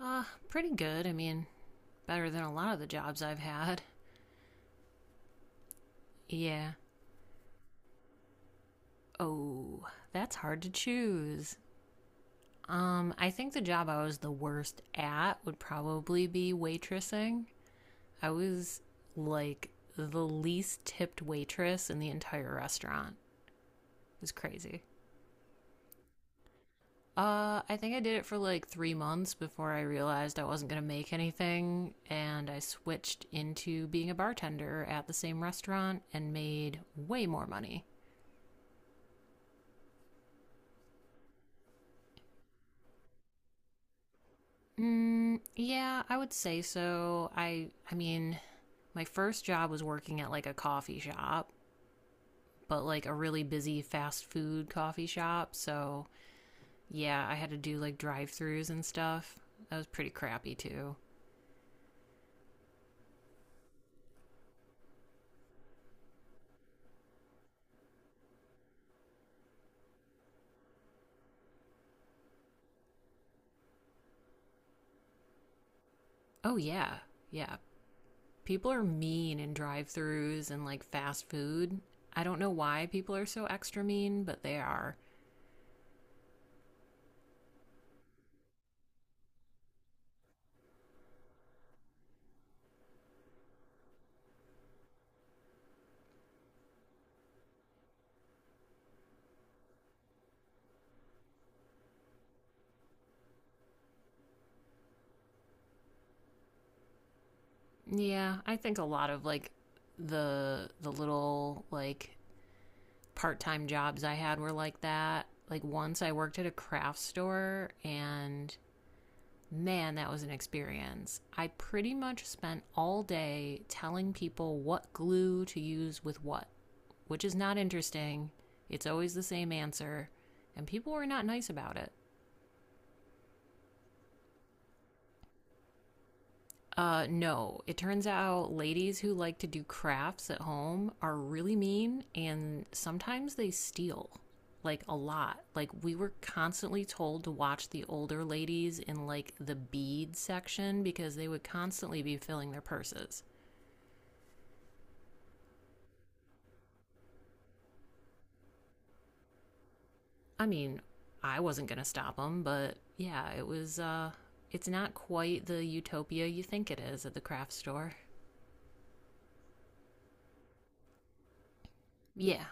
Uh, pretty good. I mean, better than a lot of the jobs I've had. Yeah. Oh, that's hard to choose. I think the job I was the worst at would probably be waitressing. I was like the least tipped waitress in the entire restaurant. It was crazy. I think I did it for like 3 months before I realized I wasn't gonna make anything, and I switched into being a bartender at the same restaurant and made way more money. Mm, yeah, I would say so. I mean, my first job was working at like a coffee shop, but like a really busy fast food coffee shop. So, yeah, I had to do like drive-throughs and stuff. That was pretty crappy too. Oh yeah. Yeah. People are mean in drive-throughs and like fast food. I don't know why people are so extra mean, but they are. Yeah, I think a lot of like the little like part time jobs I had were like that. Like once I worked at a craft store and man, that was an experience. I pretty much spent all day telling people what glue to use with what, which is not interesting. It's always the same answer, and people were not nice about it. No. It turns out ladies who like to do crafts at home are really mean and sometimes they steal. Like a lot. Like we were constantly told to watch the older ladies in like the bead section because they would constantly be filling their purses. I mean, I wasn't going to stop them, but yeah, it was it's not quite the utopia you think it is at the craft store. Yeah,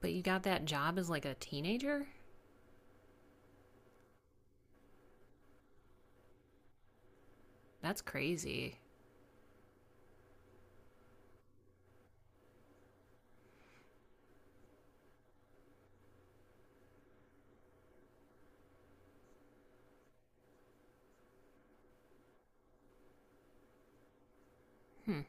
but you got that job as like a teenager? That's crazy. Hmm.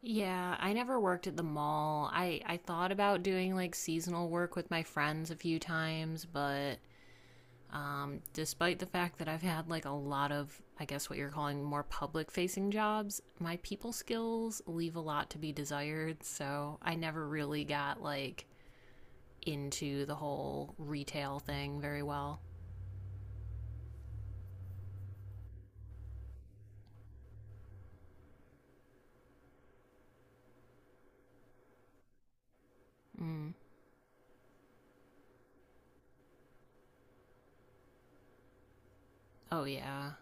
Yeah, I never worked at the mall. I thought about doing like seasonal work with my friends a few times, but despite the fact that I've had like a lot of, I guess what you're calling more public facing jobs, my people skills leave a lot to be desired. So I never really got like into the whole retail thing very well. Mm. Oh, yeah.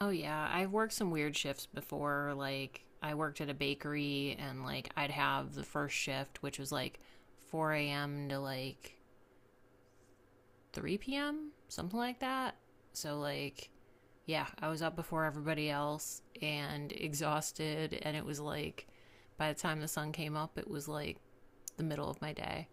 Oh yeah, I've worked some weird shifts before. Like I worked at a bakery, and like I'd have the first shift, which was like 4 a.m. to like 3 p.m., something like that. So like, yeah, I was up before everybody else and exhausted, and it was like, by the time the sun came up, it was like the middle of my day.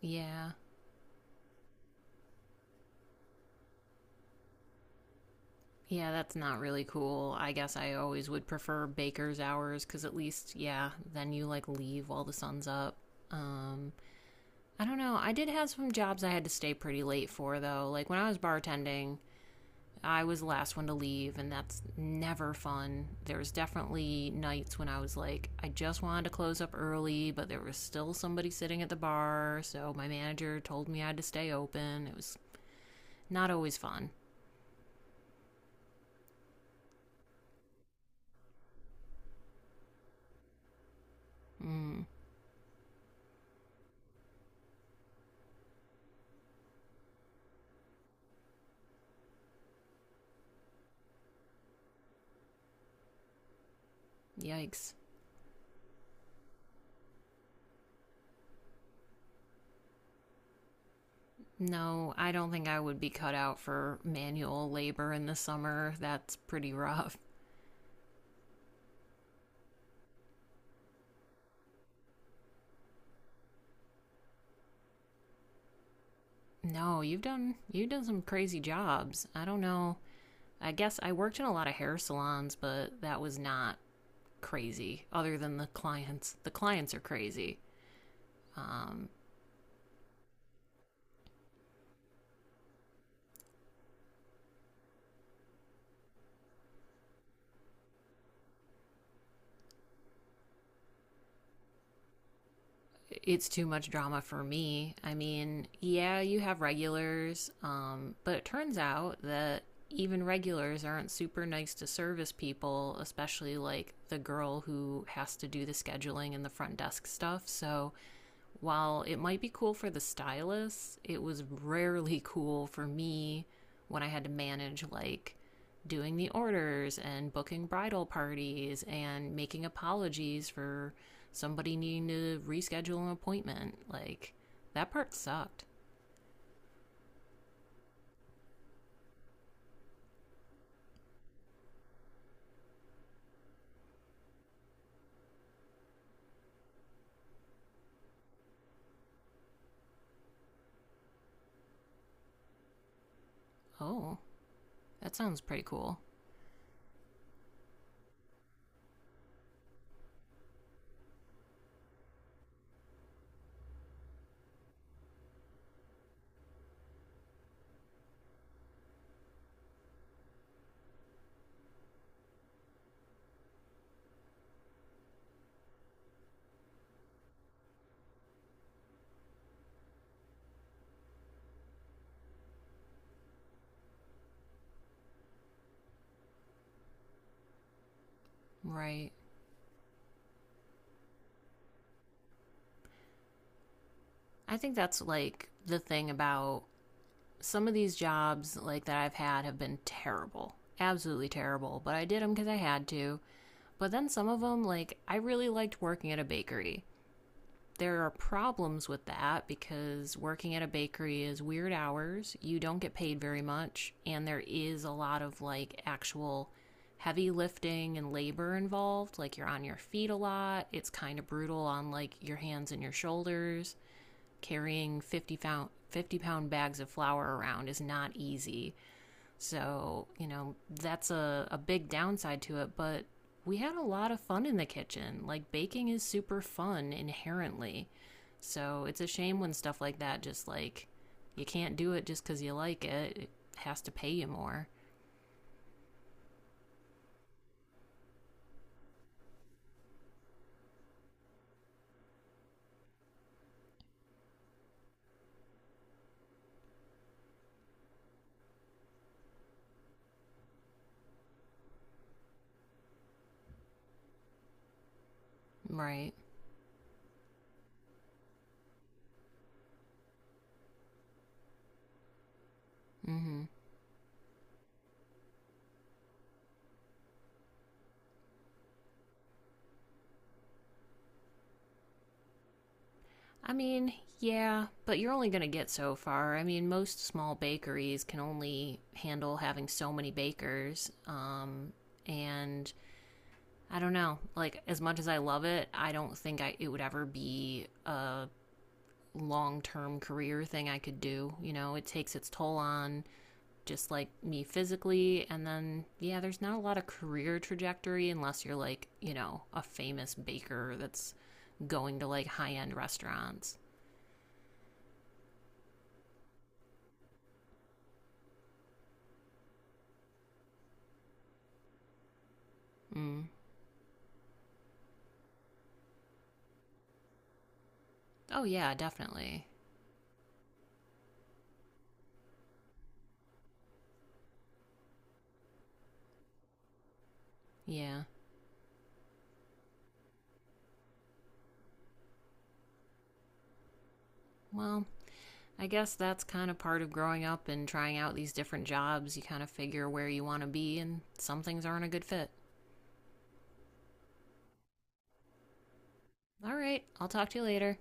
Yeah. Yeah, that's not really cool. I guess I always would prefer baker's hours because at least, yeah, then you like leave while the sun's up. Um, I don't know. I did have some jobs I had to stay pretty late for, though. Like when I was bartending, I was the last one to leave, and that's never fun. There was definitely nights when I was like, I just wanted to close up early, but there was still somebody sitting at the bar, so my manager told me I had to stay open. It was not always fun. Mm, yikes. No, I don't think I would be cut out for manual labor in the summer. That's pretty rough. No, you've done some crazy jobs. I don't know. I guess I worked in a lot of hair salons, but that was not crazy, other than the clients. The clients are crazy. Um, it's too much drama for me. I mean, yeah, you have regulars, but it turns out that even regulars aren't super nice to service people, especially like the girl who has to do the scheduling and the front desk stuff. So while it might be cool for the stylus, it was rarely cool for me when I had to manage like doing the orders and booking bridal parties and making apologies for somebody needing to reschedule an appointment. Like, that part sucked. Oh, that sounds pretty cool. Right. I think that's like the thing about some of these jobs like that I've had have been terrible. Absolutely terrible, but I did them cuz I had to. But then some of them, like, I really liked working at a bakery. There are problems with that because working at a bakery is weird hours. You don't get paid very much. And there is a lot of, like, actual heavy lifting and labor involved. Like, you're on your feet a lot. It's kind of brutal on, like, your hands and your shoulders. Carrying 50 pound bags of flour around is not easy. So, you know, that's a big downside to it, but we had a lot of fun in the kitchen. Like, baking is super fun inherently. So, it's a shame when stuff like that just like you can't do it just because you like it. It has to pay you more. Right. Mm hmm. I mean, yeah, but you're only going to get so far. I mean, most small bakeries can only handle having so many bakers. And I don't know. Like as much as I love it, I don't think I it would ever be a long-term career thing I could do. You know, it takes its toll on just like me physically and then yeah, there's not a lot of career trajectory unless you're like, you know, a famous baker that's going to like high-end restaurants. Mm. Oh yeah, definitely. Yeah. Well, I guess that's kind of part of growing up and trying out these different jobs. You kind of figure where you want to be and some things aren't a good fit. All right. I'll talk to you later.